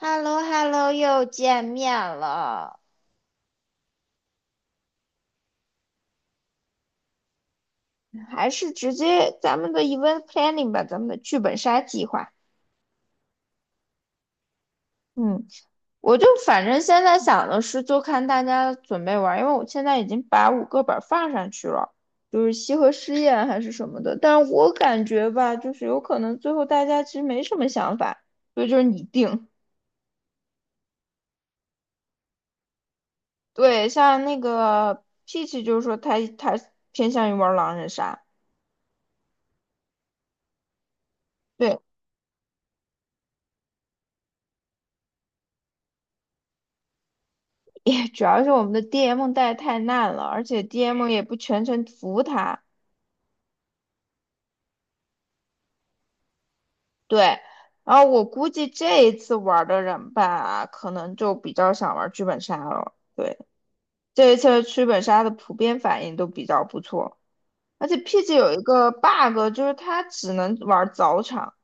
h e l l o h e l l o 又见面了，还是直接咱们的 event planning 吧，咱们的剧本杀计划。嗯，我就反正现在想的是，就看大家准备玩，因为我现在已经把五个本放上去了，就是西河试验还是什么的。但我感觉吧，就是有可能最后大家其实没什么想法，所以就是你定。对，像那个 Peach 就是说他偏向于玩狼人杀。对，也主要是我们的 DM 带太烂了，而且 DM 也不全程服他。对，然后我估计这一次玩的人吧，可能就比较想玩剧本杀了。对，这一次的剧本杀的普遍反应都比较不错，而且 PG 有一个 bug，就是它只能玩早场。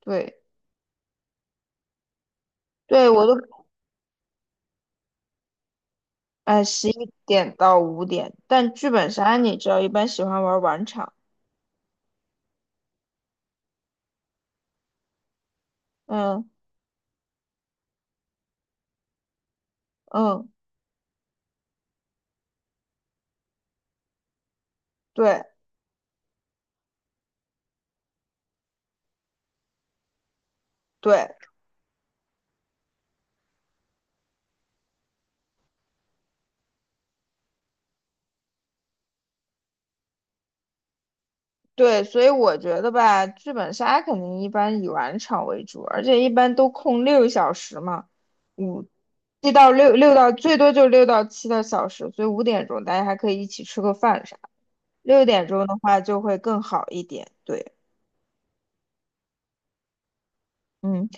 对，对我都哎，十一点到五点，但剧本杀你知道，一般喜欢玩晚场。嗯嗯，对对。对，所以我觉得吧，剧本杀肯定一般以晚场为主，而且一般都空六小时嘛，五七到六六到最多就六到七个小时，所以五点钟大家还可以一起吃个饭啥。六点钟的话就会更好一点。对，嗯，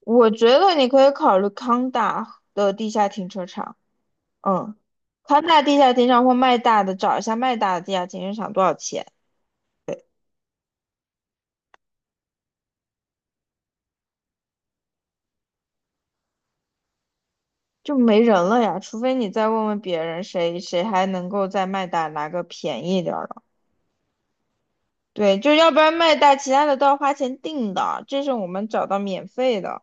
我觉得你可以考虑康大的地下停车场。嗯，康大地下停车场或麦大的，找一下麦大的地下停车场多少钱。就没人了呀，除非你再问问别人谁，谁还能够在麦大拿个便宜点儿的。对，就要不然麦大其他的都要花钱订的，这是我们找到免费的。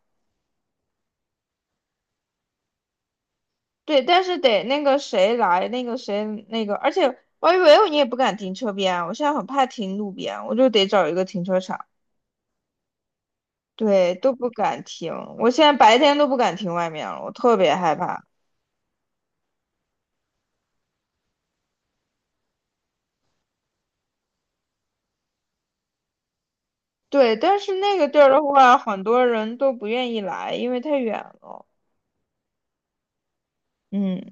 对，但是得那个谁来，那个谁那个，而且 y 以 l 你也不敢停车边啊，我现在很怕停路边，我就得找一个停车场。对，都不敢停，我现在白天都不敢停外面了，我特别害怕。对，但是那个地儿的话，很多人都不愿意来，因为太远了。嗯。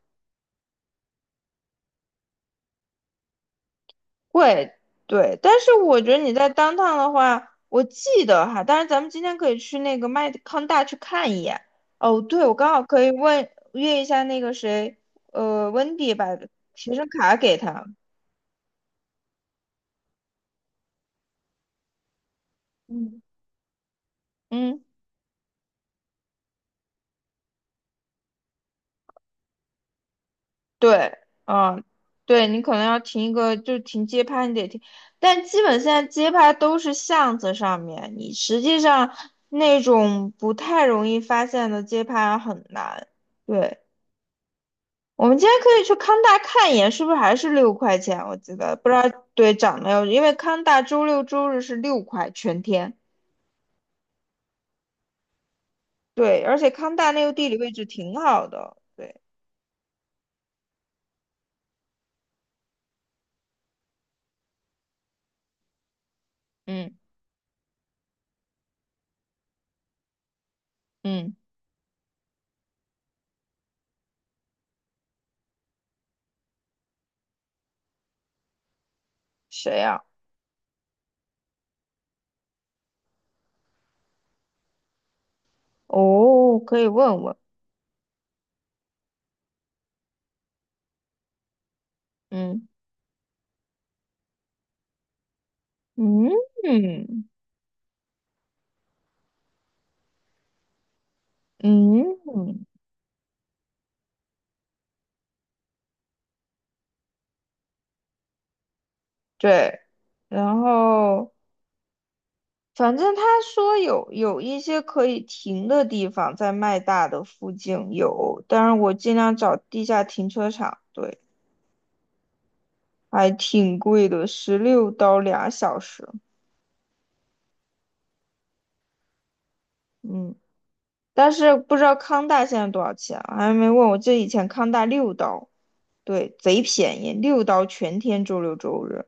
会，对，但是我觉得你在 d 趟的话，我记得哈，但是咱们今天可以去那个麦康大去看一眼。哦，对，我刚好可以问约一下那个谁，温迪把学生卡给他。嗯，嗯，对，嗯，对你可能要停一个，就停街拍，你得停，但基本现在街拍都是巷子上面，你实际上那种不太容易发现的街拍很难。对，我们今天可以去康大看一眼，是不是还是六块钱？我记得不知道对涨没有，因为康大周六周日是六块全天。对，而且康大那个地理位置挺好的。对，嗯嗯，谁呀、哦，可以问问。嗯嗯嗯嗯，对。然后反正他说有一些可以停的地方在麦大的附近有，但是我尽量找地下停车场。对。还挺贵的，十六刀俩小时。嗯，但是不知道康大现在多少钱啊还没问我。记得以前康大六刀，对，贼便宜，六刀全天，周六周日。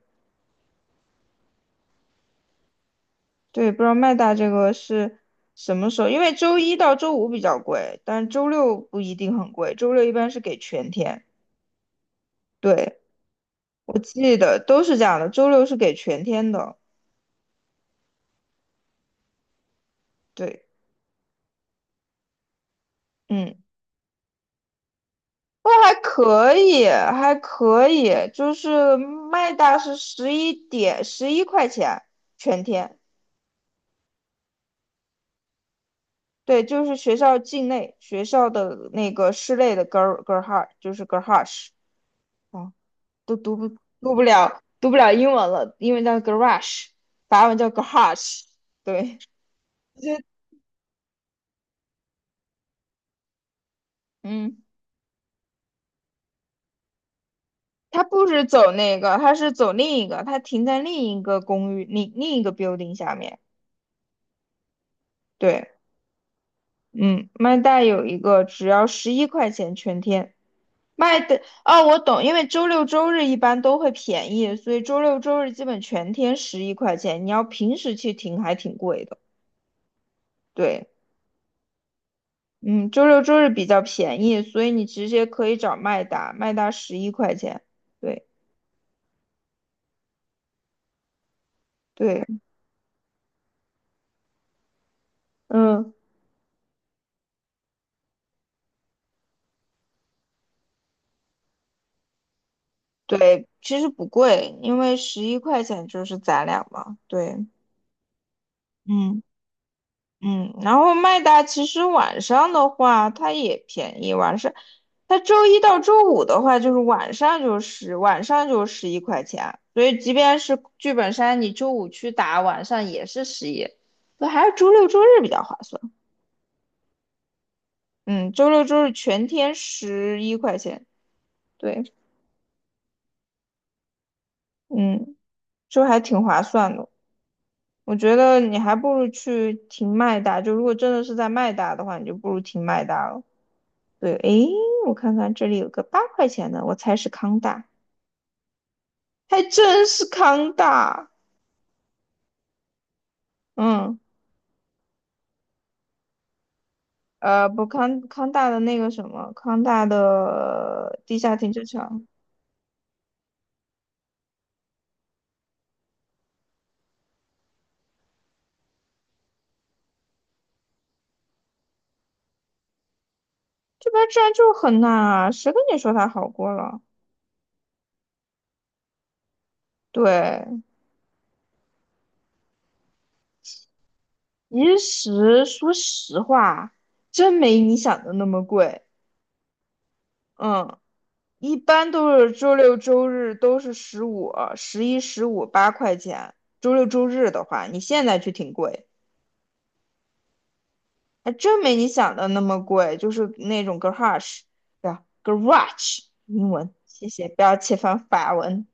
对，不知道麦大这个是什么时候？因为周一到周五比较贵，但周六不一定很贵，周六一般是给全天。对，我记得都是这样的，周六是给全天的。对，嗯。那还可以，还可以，就是麦大是十一点十一块钱全天，对，就是学校境内学校的那个室内的 Ger Gerhard 就是 g e r h a r e 啊，都读不了英文了，英文叫 Garage，法文叫 g a r a g e 对，就嗯，他不是走那个，他是走另一个，他停在另一个公寓另一个 building 下面。对。嗯，麦袋有一个只要十一块钱全天。麦的，哦，我懂，因为周六周日一般都会便宜，所以周六周日基本全天十一块钱。你要平时去停还挺贵的。对，嗯，周六周日比较便宜，所以你直接可以找麦达，麦达十一块钱。对对，嗯，对，其实不贵，因为十一块钱就是咱俩嘛。对，嗯。嗯，然后麦达其实晚上的话，它也便宜。晚上，它周一到周五的话，就是晚上就十一块钱。所以即便是剧本杀，你周五去打，晚上也是十一。那还是周六周日比较划算。嗯，周六周日全天十一块钱。对，嗯，就还挺划算的。我觉得你还不如去停麦达，就如果真的是在麦达的话，你就不如停麦达了。对，诶，我看看这里有个八块钱的，我猜是康大，还真是康大。嗯，不康大的那个什么，康大的地下停车场，这边治安就很烂啊，谁跟你说它好过了？对，其实说实话，真没你想的那么贵。嗯，一般都是周六周日都是十五、十一、十五八块钱，周六周日的话，你现在去挺贵。还真没你想的那么贵，就是那种 garage，对吧？garage 英文，谢谢，不要切翻法文。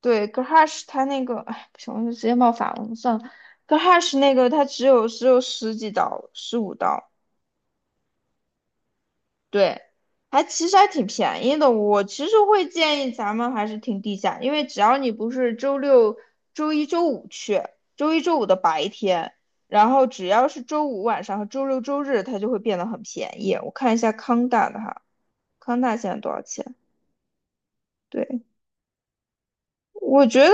对，garage 它那个，哎，不行，我就直接报法文算了。garage 那个它只有十几刀，十五刀，对，还其实还挺便宜的。我其实会建议咱们还是停地下，因为只要你不是周六、周一周五去，周一周五的白天，然后只要是周五晚上和周六周日，它就会变得很便宜。我看一下康大的哈，康大现在多少钱？对，我觉得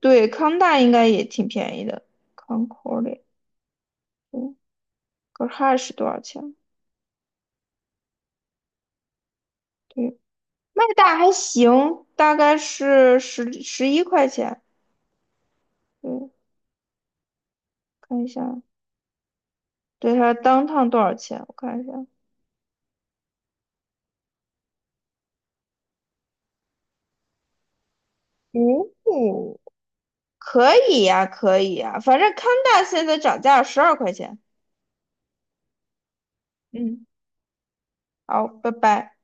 对康大应该也挺便宜的。Concord，嗯 g 哈是多少钱？对，麦大还行，大概是十一块钱。对。看一下，对，它当趟多少钱？我看一下，哦，可以呀、可以呀、反正康大现在涨价十二块钱。嗯，好，拜拜。